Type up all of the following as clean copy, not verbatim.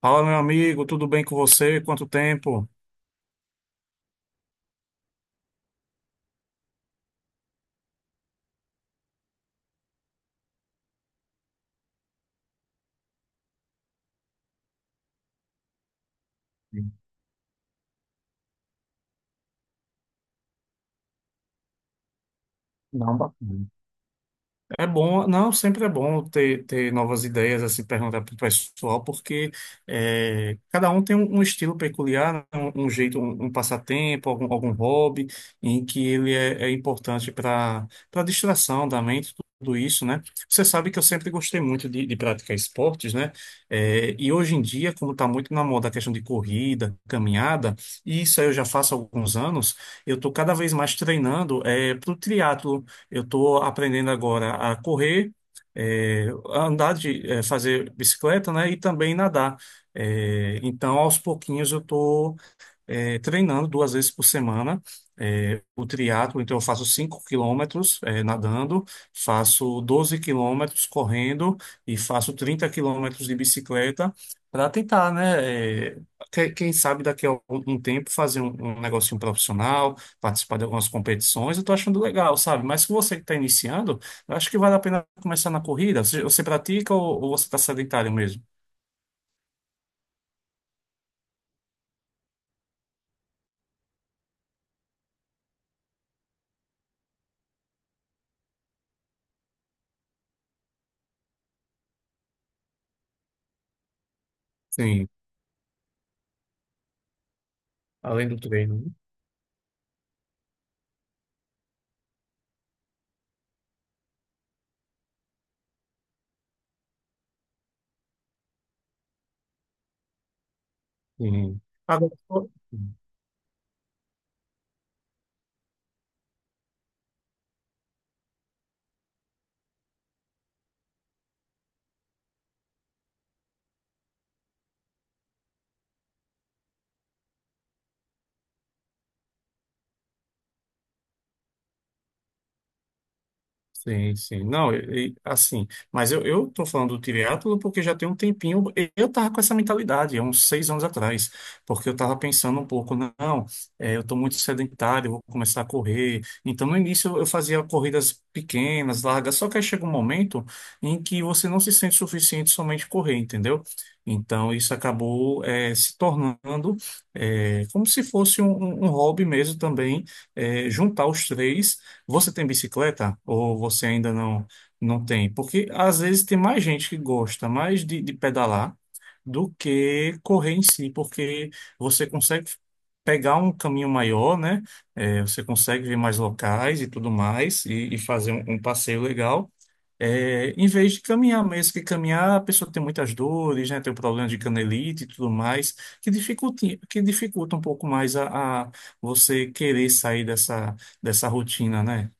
Fala, meu amigo, tudo bem com você? Quanto tempo? Não, bacana. É bom, não, sempre é bom ter novas ideias, assim, perguntar para o pessoal, porque é, cada um tem um estilo peculiar, né, um jeito, um passatempo, algum hobby, em que ele é importante para distração da mente, tudo isso, né? Você sabe que eu sempre gostei muito de praticar esportes, né? É, e hoje em dia, como está muito na moda a questão de corrida, caminhada, e isso aí eu já faço há alguns anos, eu estou cada vez mais treinando para o triatlo. Eu estou aprendendo agora a correr, a andar de, fazer bicicleta, né? E também nadar. Então, aos pouquinhos, eu estou treinando duas vezes por semana o triatlo. Então, eu faço 5 km nadando, faço 12 km correndo e faço 30 km de bicicleta para tentar, né? Quem sabe daqui a algum tempo fazer um, um negocinho profissional, participar de algumas competições, eu estou achando legal, sabe? Mas se você que está iniciando, eu acho que vale a pena começar na corrida. Você pratica ou você está sedentário mesmo? Sim, além do treino, né? Sim. Agora, sim, sim. Não, e, assim, mas eu tô falando do triatlo porque já tem um tempinho, eu tava com essa mentalidade, há uns 6 anos atrás, porque eu tava pensando um pouco, não, é, eu tô muito sedentário, eu vou começar a correr. Então, no início eu fazia corridas pequenas, largas, só que aí chega um momento em que você não se sente suficiente somente correr, entendeu? Então, isso acabou, se tornando, como se fosse um, um hobby mesmo também, juntar os três. Você tem bicicleta ou você ainda não tem? Porque às vezes tem mais gente que gosta mais de pedalar do que correr em si, porque você consegue pegar um caminho maior, né? É, você consegue ver mais locais e tudo mais e fazer um, um passeio legal. É, em vez de caminhar mesmo, que caminhar a pessoa tem muitas dores, né? Tem o problema de canelite e tudo mais, que dificulta um pouco mais a você querer sair dessa rotina, né?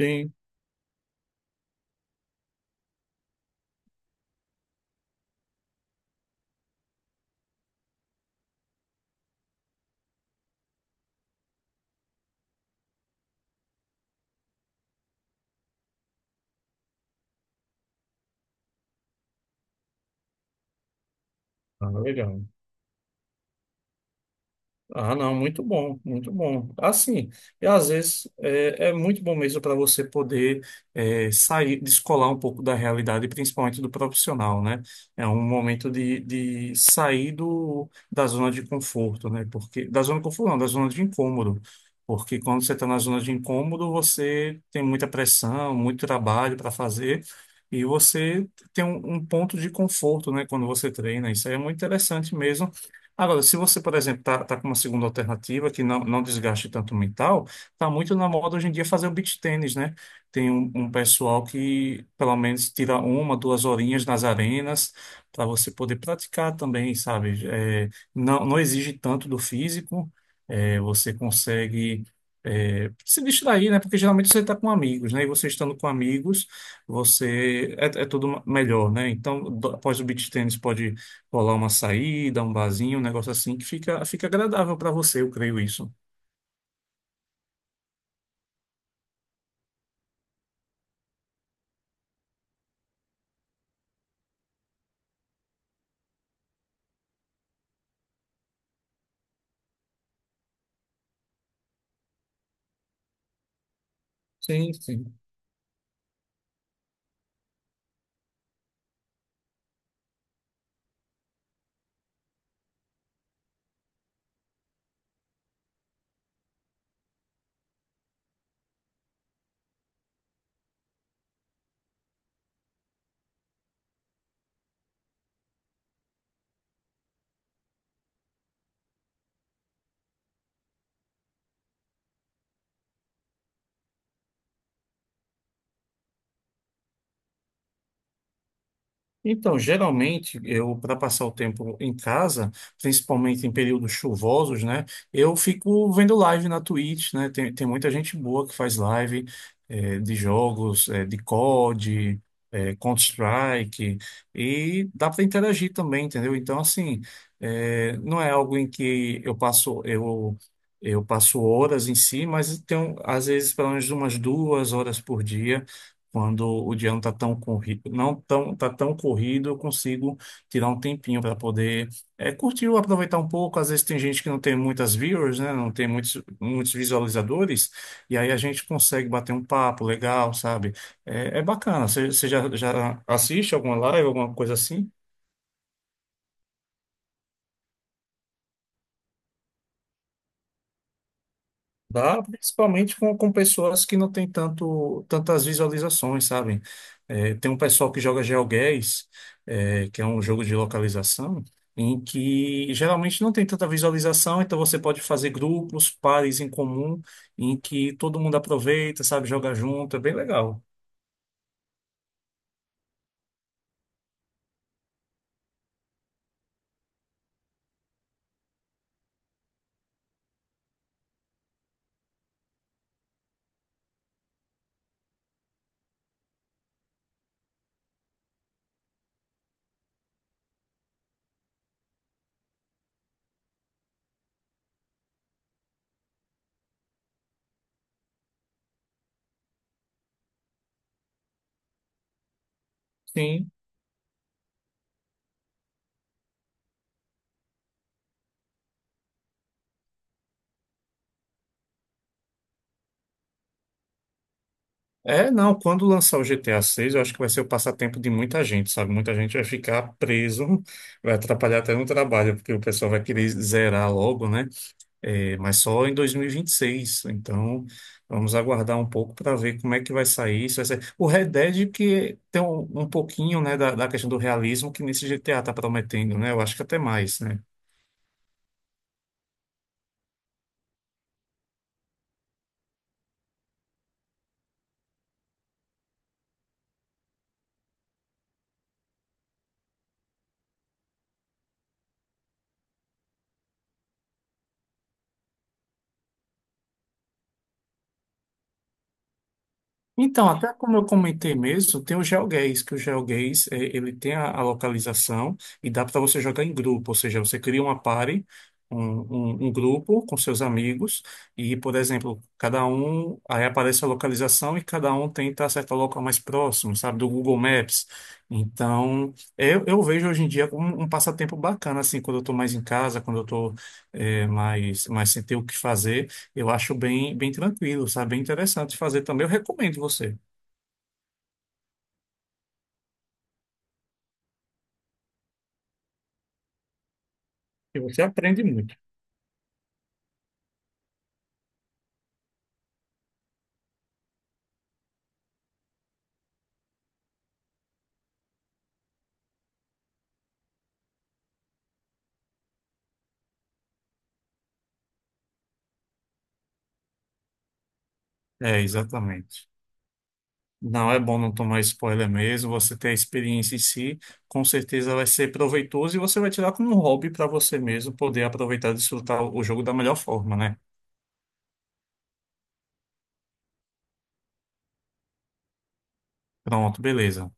Sim, ah, legal. Ah, não, muito bom, muito bom. Assim, e às vezes é muito bom mesmo para você poder sair, descolar um pouco da realidade, principalmente do profissional, né? É um momento de sair do, da zona de conforto, né? Porque, da zona de conforto, não, da zona de incômodo. Porque quando você está na zona de incômodo, você tem muita pressão, muito trabalho para fazer, e você tem um, um ponto de conforto, né? Quando você treina. Isso aí é muito interessante mesmo. Agora, se você, por exemplo, tá com uma segunda alternativa que não, não desgaste tanto o mental, tá muito na moda hoje em dia fazer o beach tennis, né? Tem um, um pessoal que pelo menos tira uma, duas horinhas nas arenas para você poder praticar também, sabe? É, não, não exige tanto do físico, é, você consegue se distrair, né? Porque geralmente você está com amigos, né? E você estando com amigos, você é tudo melhor, né? Então, após o beach tennis pode colar uma saída, um barzinho, um negócio assim que fica agradável para você, eu creio isso. Sim, sim. Então, geralmente, eu, para passar o tempo em casa, principalmente em períodos chuvosos, né, eu fico vendo live na Twitch, né, tem muita gente boa que faz live de jogos, de COD, Counter-Strike, e dá para interagir também, entendeu? Então, assim, não é algo em que eu passo horas em si, mas tem, um, às vezes, pelo menos umas duas horas por dia quando o dia não está tão corrido, não tão, tá tão corrido, eu consigo tirar um tempinho para poder curtir ou aproveitar um pouco. Às vezes tem gente que não tem muitas viewers, né? Não tem muitos visualizadores, e aí a gente consegue bater um papo legal, sabe? É, é bacana. Você já, já assiste alguma live, alguma coisa assim? Dá, principalmente com pessoas que não têm tanto, tantas visualizações, sabe? É, tem um pessoal que joga GeoGuessr, é, que é um jogo de localização, em que geralmente não tem tanta visualização, então você pode fazer grupos, pares em comum, em que todo mundo aproveita, sabe? Joga junto, é bem legal. Sim. É, não, quando lançar o GTA 6, eu acho que vai ser o passatempo de muita gente, sabe? Muita gente vai ficar preso, vai atrapalhar até no trabalho, porque o pessoal vai querer zerar logo, né? É, mas só em 2026. Então, vamos aguardar um pouco para ver como é que vai sair isso. Vai ser... O Red Dead que tem um, um pouquinho, né, da questão do realismo que nesse GTA tá prometendo, né? Eu acho que até mais, né? Então, até como eu comentei mesmo, tem o GeoGuessr, que o GeoGuessr, eh, ele tem a localização e dá para você jogar em grupo, ou seja, você cria uma party, um, um grupo com seus amigos e, por exemplo, cada um, aí aparece a localização e cada um tenta acertar o local mais próximo, sabe, do Google Maps. Então, eu vejo hoje em dia como um passatempo bacana, assim, quando eu estou mais em casa, quando eu estou mais, mais sem ter o que fazer, eu acho bem, bem tranquilo, sabe? Bem interessante fazer também. Eu recomendo você, que você aprende muito. É, exatamente. Não é bom não tomar spoiler mesmo, você ter a experiência em si, com certeza vai ser proveitoso e você vai tirar como um hobby para você mesmo poder aproveitar e desfrutar o jogo da melhor forma, né? Pronto, beleza.